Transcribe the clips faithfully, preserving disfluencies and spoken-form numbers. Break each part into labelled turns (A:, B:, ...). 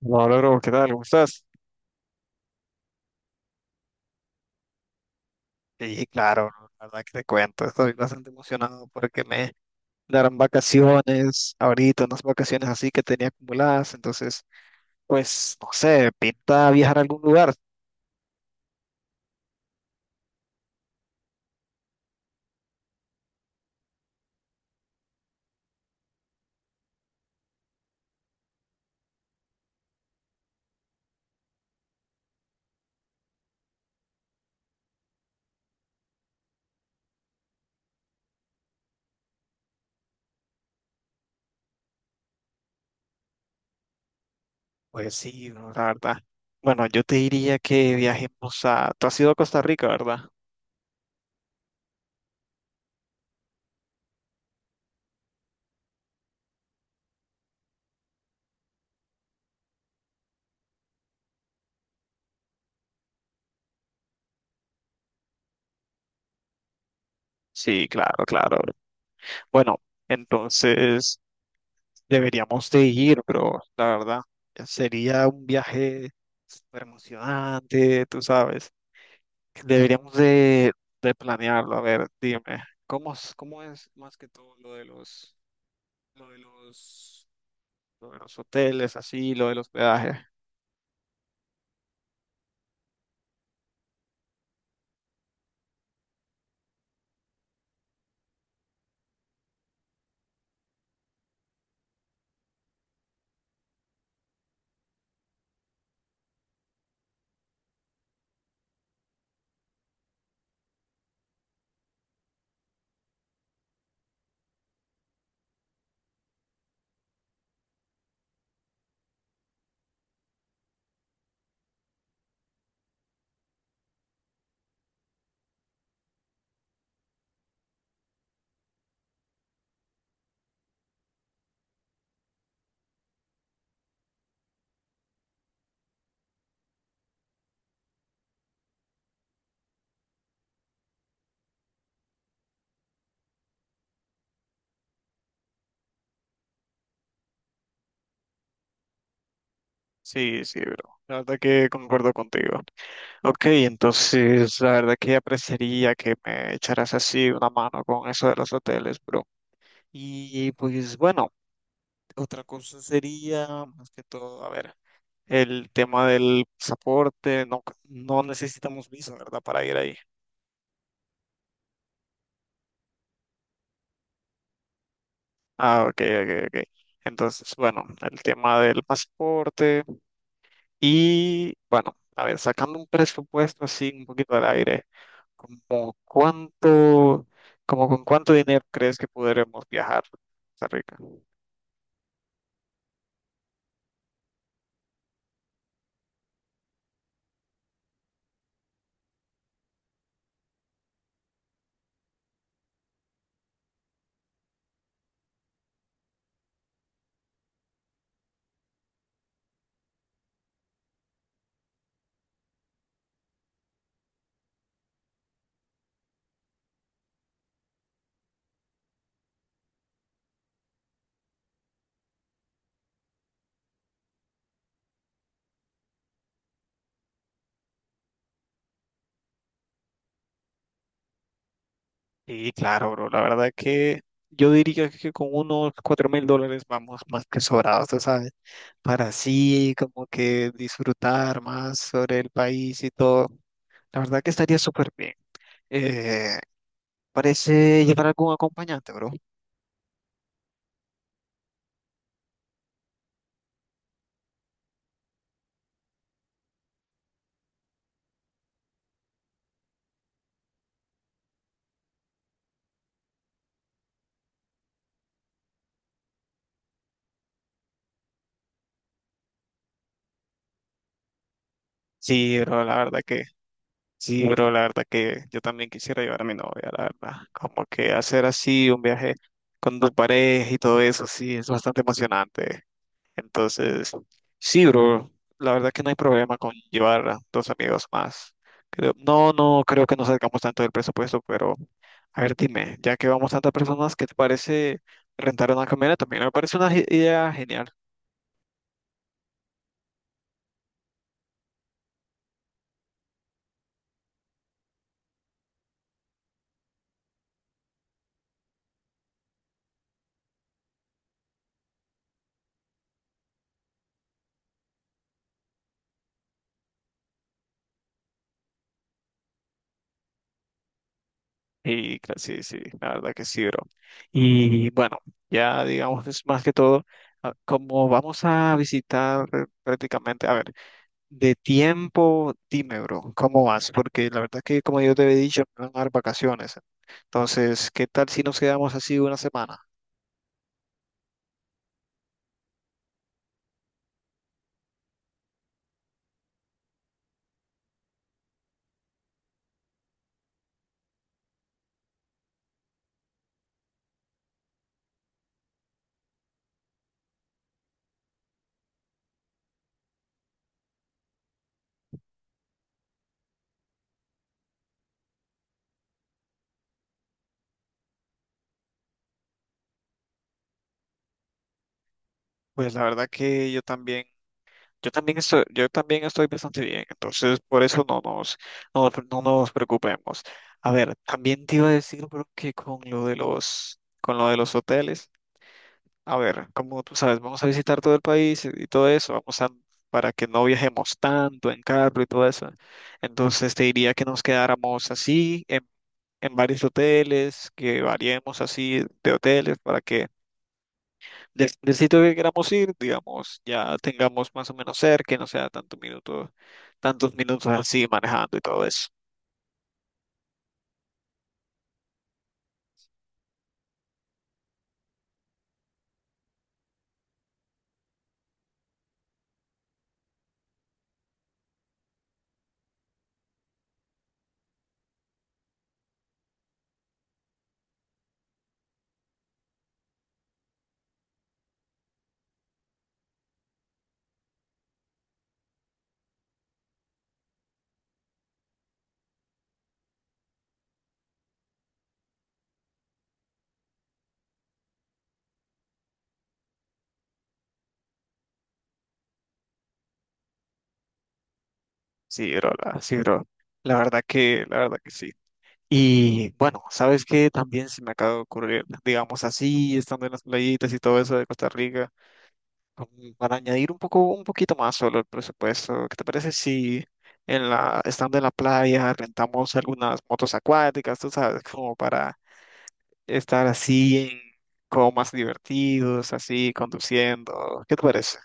A: No, logro, ¿qué tal? ¿Cómo estás? Sí, claro, bro, la verdad que te cuento, estoy bastante emocionado porque me darán vacaciones ahorita, unas vacaciones así que tenía acumuladas, entonces, pues, no sé, pinta viajar a algún lugar. Pues sí, no, la verdad. Bueno, yo te diría que viajemos a... Tú has ido a Costa Rica, ¿verdad? Sí, claro, claro, bro. Bueno, entonces deberíamos de ir, pero la verdad, sería un viaje súper emocionante, tú sabes. Deberíamos de, de planearlo. A ver, dime, ¿cómo, es- cómo es más que todo lo de los, lo de los, lo de los hoteles, así, lo de los peajes? Sí, sí, bro. La verdad que concuerdo contigo. Ok, entonces la verdad que apreciaría que me echaras así una mano con eso de los hoteles, bro. Y pues bueno, otra cosa sería, más que todo, a ver, el tema del pasaporte. No, no necesitamos visa, ¿verdad? Para ir ahí. Ah, ok, ok, ok. Entonces, bueno, el tema del pasaporte y, bueno, a ver, sacando un presupuesto así un poquito al aire, como cuánto, como con cuánto dinero crees que podremos viajar a Costa Rica? Y claro, bro, la verdad que yo diría que con unos cuatro mil dólares vamos más que sobrados, tú ¿sabes? Para así como que disfrutar más sobre el país y todo. La verdad que estaría súper bien. Eh, Parece llevar algún acompañante, bro. Sí, bro, la verdad que, sí, bro, la verdad que yo también quisiera llevar a mi novia, la verdad. Como que hacer así un viaje con tu pareja y todo eso, sí, es bastante emocionante. Entonces, sí, bro, la verdad que no hay problema con llevar a dos amigos más. Creo- no, no, creo que no salgamos tanto del presupuesto, pero a ver, dime, ya que vamos tantas personas, ¿qué te parece rentar una camioneta? También me parece una ge- idea genial. Y cla- sí, sí, la verdad que sí, bro. Y bueno, ya digamos es más que todo, ah, como vamos a visitar eh, prácticamente, a ver, de tiempo, dime, bro, ¿cómo vas? Porque la verdad que como yo te había dicho, me van a dar vacaciones. Entonces, ¿qué tal si nos quedamos así una semana? Pues la verdad que yo también. Yo también estoy, yo también estoy bastante bien, entonces por eso no nos, no, no nos preocupemos. A ver, también te iba a decir, bro, que con lo de los, con lo de los hoteles, a ver, como tú sabes, vamos a visitar todo el país y y todo eso, vamos a, para que no viajemos tanto en carro y todo eso. Entonces te diría que nos quedáramos así en, en varios hoteles, que variemos así de hoteles para que del el sitio que queramos ir, digamos, ya tengamos más o menos cerca, y no sea tantos minutos, tantos minutos así manejando y todo eso. Sí, bro, la- sí, bro. La verdad que, la verdad que sí. Y bueno, ¿sabes qué? También se me acaba de ocurrir, digamos así, estando en las playitas y todo eso de Costa Rica, um, para añadir un poco, un poquito más solo el presupuesto. ¿Qué te parece si en la, estando en la playa rentamos algunas motos acuáticas, tú sabes, como para estar así, como más divertidos, así, conduciendo? ¿Qué te parece?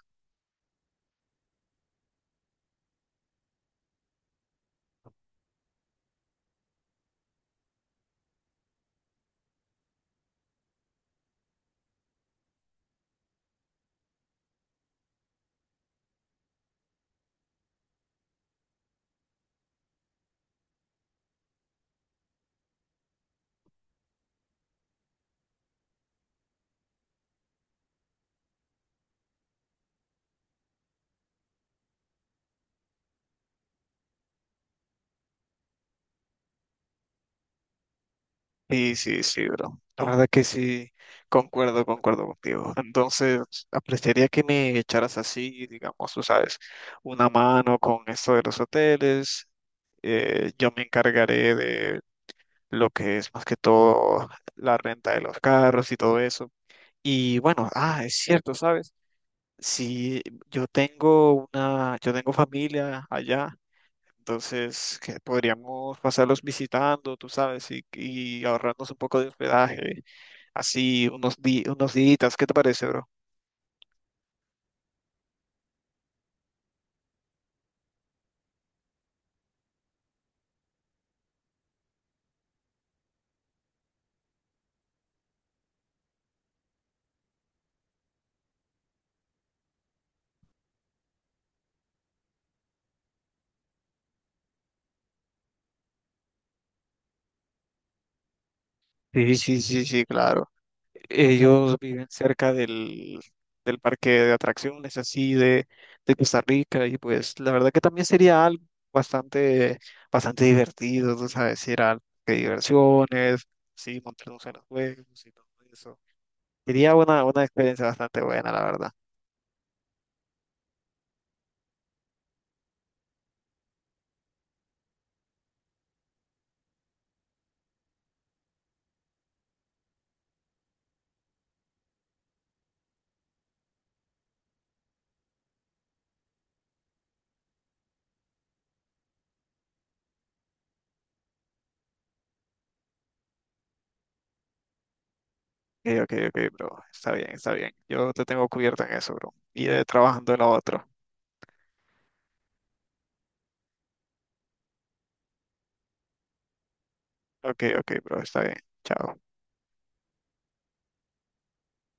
A: Sí, sí, sí, bro. La verdad que sí, concuerdo, concuerdo contigo. Entonces, apreciaría que me echaras así, digamos, tú sabes, una mano con esto de los hoteles. Eh, yo me encargaré de lo que es más que todo la renta de los carros y todo eso. Y bueno, ah, es cierto, ¿sabes? Si yo tengo una, yo tengo familia allá. Entonces, que podríamos pasarlos visitando, tú sabes, y, y ahorrarnos un poco de hospedaje, así unos di unos días. ¿Qué te parece, bro? Sí, sí, sí, sí, claro. Ellos viven cerca del, del parque de atracciones, así de, de Costa Rica, y pues la verdad que también sería algo bastante, bastante divertido, tú sabes, ir a de diversiones, sí, montarnos en los juegos y todo eso. Sería una, una experiencia bastante buena, la verdad. Ok, ok, ok, bro, está bien, está bien. Yo te tengo cubierto en eso, bro. Y eh, trabajando en lo otro. Ok, ok, bro, está bien. Chao.